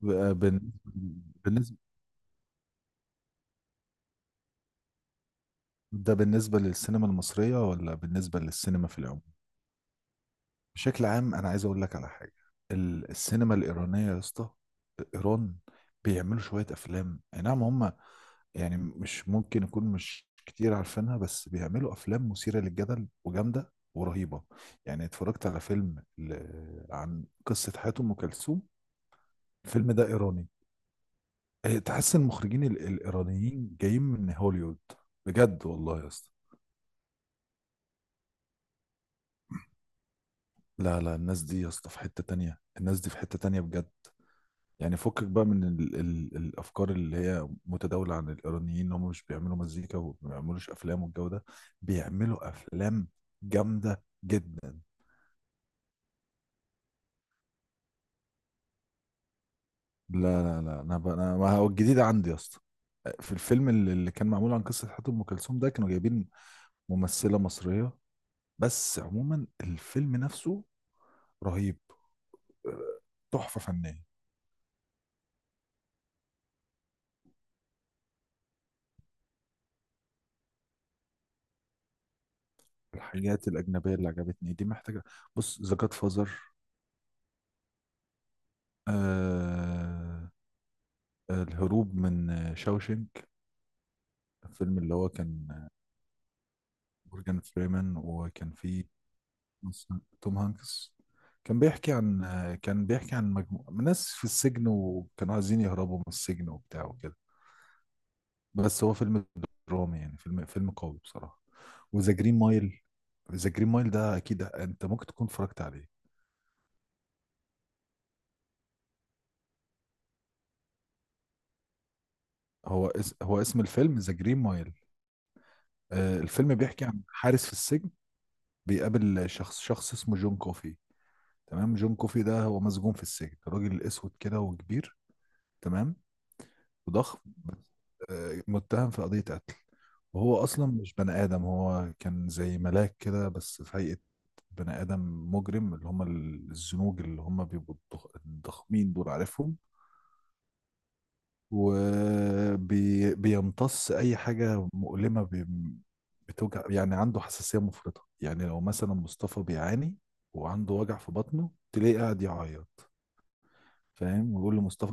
بالنسبة بالنسبة بالنسبة للسينما المصرية ولا بالنسبة للسينما في العموم؟ بشكل عام أنا عايز أقول لك على حاجة. السينما الإيرانية يا اسطى، إيران، بيعملوا شوية أفلام، أي نعم هم يعني مش ممكن يكون، مش كتير عارفينها، بس بيعملوا أفلام مثيرة للجدل وجامدة ورهيبة. يعني اتفرجت على فيلم عن قصة حياة أم كلثوم، الفيلم ده إيراني. إيه، تحس المخرجين الإيرانيين جايين من هوليوود، بجد والله يا اسطى. لا لا، الناس دي يا اسطى في حتة تانية، الناس دي في حتة تانية بجد. يعني فكك بقى من ال الأفكار اللي هي متداولة عن الإيرانيين إن هم مش بيعملوا مزيكا وما بيعملوش أفلام والجو ده. بيعملوا أفلام جامدة جدا. لا لا، لا أنا بقى أنا، ما هو الجديد عندي يا اسطى في الفيلم اللي كان معمول عن قصة حياة أم كلثوم ده، كانوا جايبين ممثلة مصرية، بس عموما الفيلم نفسه رهيب، آه، تحفة فنية. الحاجات الأجنبية اللي عجبتني دي محتاجة. بص، ذا جاد فازر، آه الهروب من شاوشنك، الفيلم اللي هو كان مورجان فريمان، وكان فيه توم هانكس. كان بيحكي عن، كان بيحكي عن مجموعة من ناس في السجن، وكانوا عايزين يهربوا من السجن وبتاع وكده، بس هو فيلم درامي، يعني فيلم قوي بصراحة. وذا جرين مايل، ذا جرين مايل ده اكيد انت ممكن تكون اتفرجت عليه. هو اسم الفيلم ذا جرين مايل. آه، الفيلم بيحكي عن حارس في السجن بيقابل شخص اسمه جون كوفي. تمام. جون كوفي ده هو مسجون في السجن، راجل اسود كده وكبير، تمام، وضخم، بس متهم في قضية قتل. وهو اصلا مش بني ادم، هو كان زي ملاك كده بس في هيئة بني ادم مجرم، اللي هم الزنوج اللي هم بيبقوا الضخمين دول، عارفهم. وبيمتص اي حاجة مؤلمة بتوجع، يعني عنده حساسية مفرطة. يعني لو مثلا مصطفى بيعاني وعنده وجع في بطنه، تلاقيه قاعد يعيط. فاهم؟ ويقول له مصطفى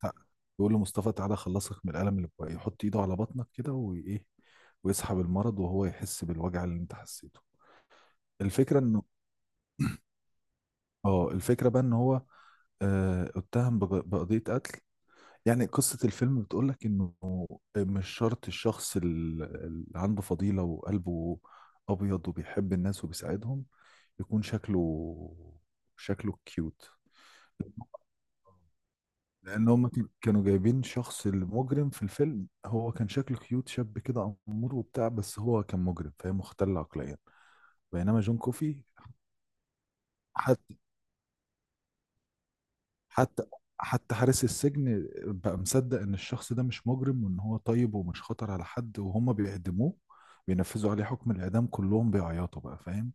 تع- يقول له: مصطفى تعالى اخلصك من الالم اللي بقى، يحط ايده على بطنك كده وايه، ويسحب المرض، وهو يحس بالوجع اللي انت حسيته. الفكره انه، اه الفكره بقى ان هو اتهم بقضيه قتل. يعني قصه الفيلم بتقول لك انه مش شرط الشخص اللي عنده فضيله وقلبه ابيض وبيحب الناس وبيساعدهم يكون شكله، شكله كيوت. لان هم كانوا جايبين شخص المجرم في الفيلم، هو كان شكله كيوت، شاب كده امور وبتاع، بس هو كان مجرم، فهي مختل عقليا. بينما جون كوفي، حتى حتى حتى حارس السجن بقى مصدق ان الشخص ده مش مجرم، وان هو طيب ومش خطر على حد، وهم بيعدموه، بينفذوا عليه حكم الاعدام كلهم بيعيطوا بقى، فاهم؟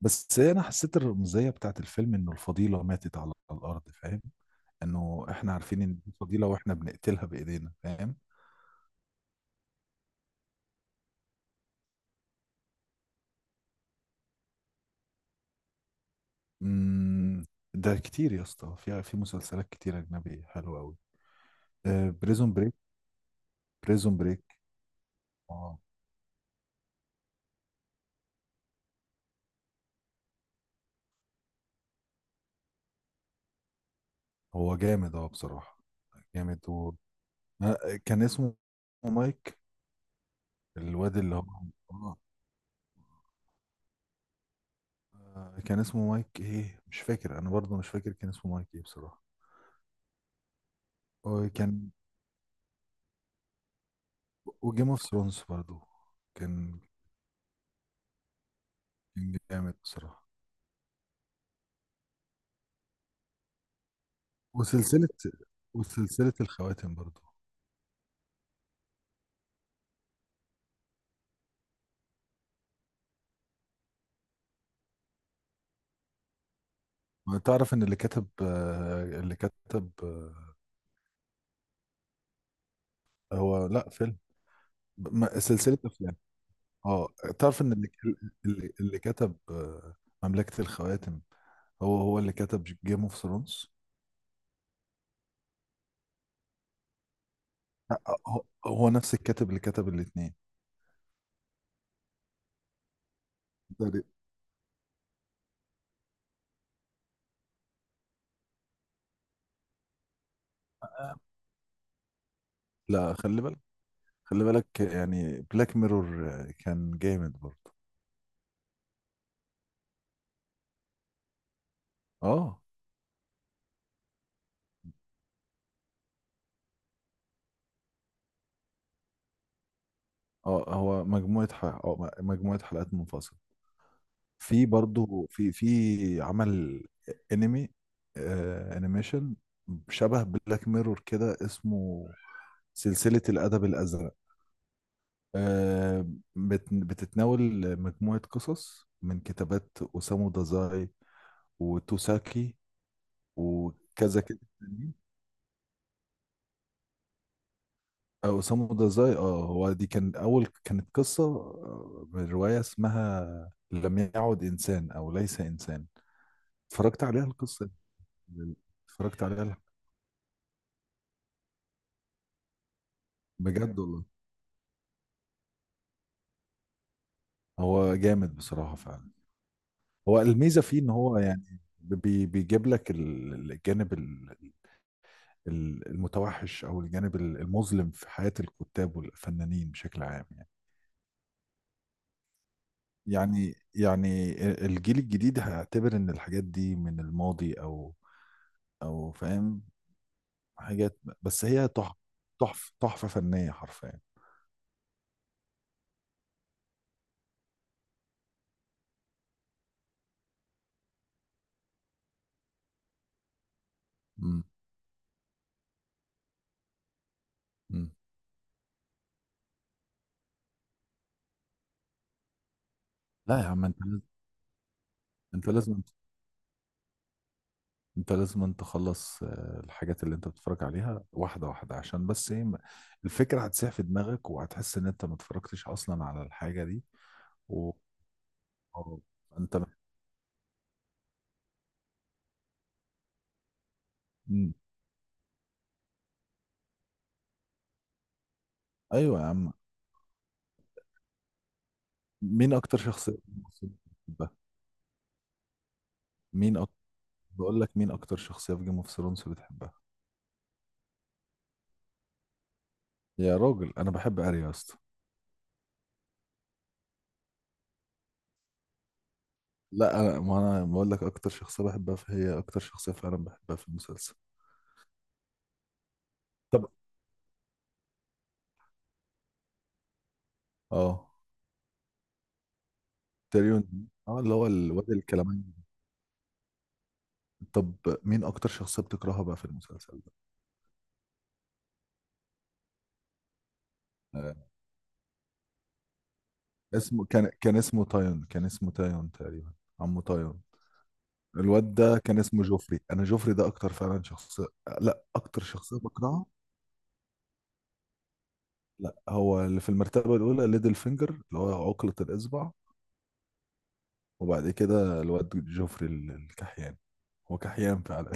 بس انا حسيت الرمزيه بتاعت الفيلم انه الفضيله ماتت على الارض، فاهم؟ انه احنا عارفين ان دي فضيله واحنا بنقتلها بايدينا، فاهم؟ مم، ده كتير يا اسطى، في مسلسلات كتير اجنبي حلوه قوي. بريزون بريك. بريزون بريك اه، هو جامد اه بصراحه، جامد و كان اسمه مايك، الواد اللي هو آه، كان اسمه مايك ايه مش فاكر، انا برضه مش فاكر كان اسمه مايك ايه بصراحه. وكان، وجيم اوف ثرونز برضه، كان كان جامد بصراحه. وسلسله وسلسله الخواتم برضه. تعرف ان اللي كتب، اللي كتب، هو لا فيلم، سلسلة أفلام. اه، تعرف إن اللي، اللي كتب مملكة الخواتم هو هو اللي كتب جيم اوف ثرونز. هو هو نفس الكاتب اللي كتب الاتنين. ده- لا خلي بالك، خلي بالك، يعني بلاك ميرور كان جامد برضه. اه اه هو مجموعة ح... آه، مجموعة حلقات منفصلة. في برضه في عمل انمي، آه انيميشن، شبه بلاك ميرور كده، اسمه سلسلة الأدب الأزرق، آه، بتتناول مجموعة قصص من كتابات أوسامو دازاي وتوساكي وكذا كده تانيين. أوسامو دازاي اه، هو دي كان أول، كانت قصة من رواية اسمها لم يعد إنسان أو ليس إنسان. اتفرجت عليها القصة دي. اتفرجت عليها بجد والله، هو جامد بصراحة فعلا. هو الميزة فيه إن هو يعني بيجيب لك الجانب المتوحش، او الجانب المظلم في حياة الكتاب والفنانين بشكل عام. يعني الجيل الجديد هيعتبر ان الحاجات دي من الماضي، او او فاهم، حاجات، بس هي تحفة، تحفة فنية حرفيا. مم. مم. لا يا عم، انت لازم، انت لازم أن تخلص الحاجات اللي انت بتتفرج عليها واحده واحده، عشان بس ايه الفكره هتسيح في دماغك وهتحس ان انت ما اتفرجتش اصلا على الحاجه دي و... أو انت، ايوه يا عم. مين اكتر شخصيه في Game of Thrones بتحبها؟ مين أك... بقول لك مين اكتر شخصيه في جيم اوف ثرونز بتحبها؟ يا راجل، انا بحب اريا يا اسطى. لا، انا ما انا بقول لك اكتر شخصيه بحبها، فهي اكتر شخصيه فعلا بحبها في المسلسل. طب. اه. تيريون اه، اللي هو الواد الكلاماني. طب مين اكتر شخصيه بتكرهها بقى في المسلسل ده؟ آه. اسمه كان، كان اسمه تايون تقريبا، عمو تايون. الواد ده كان اسمه جوفري، انا جوفري ده اكتر فعلا شخصيه، لا اكتر شخصيه بكرهها. لا، هو اللي في المرتبة الأولى ليدل فينجر اللي هو عقلة الإصبع، وبعد كده الواد جوفري الكحيان، هو كحيان فعلا.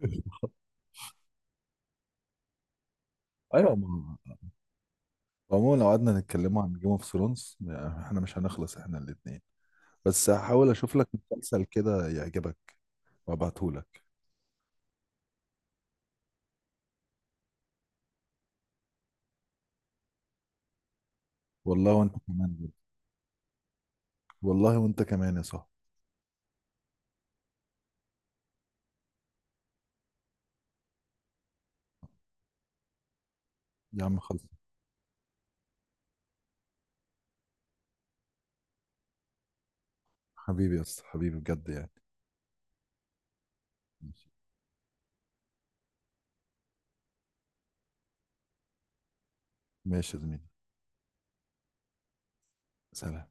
أيوة عموما لو قعدنا نتكلموا عن جيم اوف ثرونز احنا مش هنخلص احنا الاتنين، بس هحاول أشوف لك مسلسل كده يعجبك وأبعتهولك. والله وأنت كمان يا- والله وأنت كمان يا صاحبي. يا عم خلص. حبيبي يا اسطى، حبيبي بجد يعني. ماشي، ماشي يا زميلي. سلام.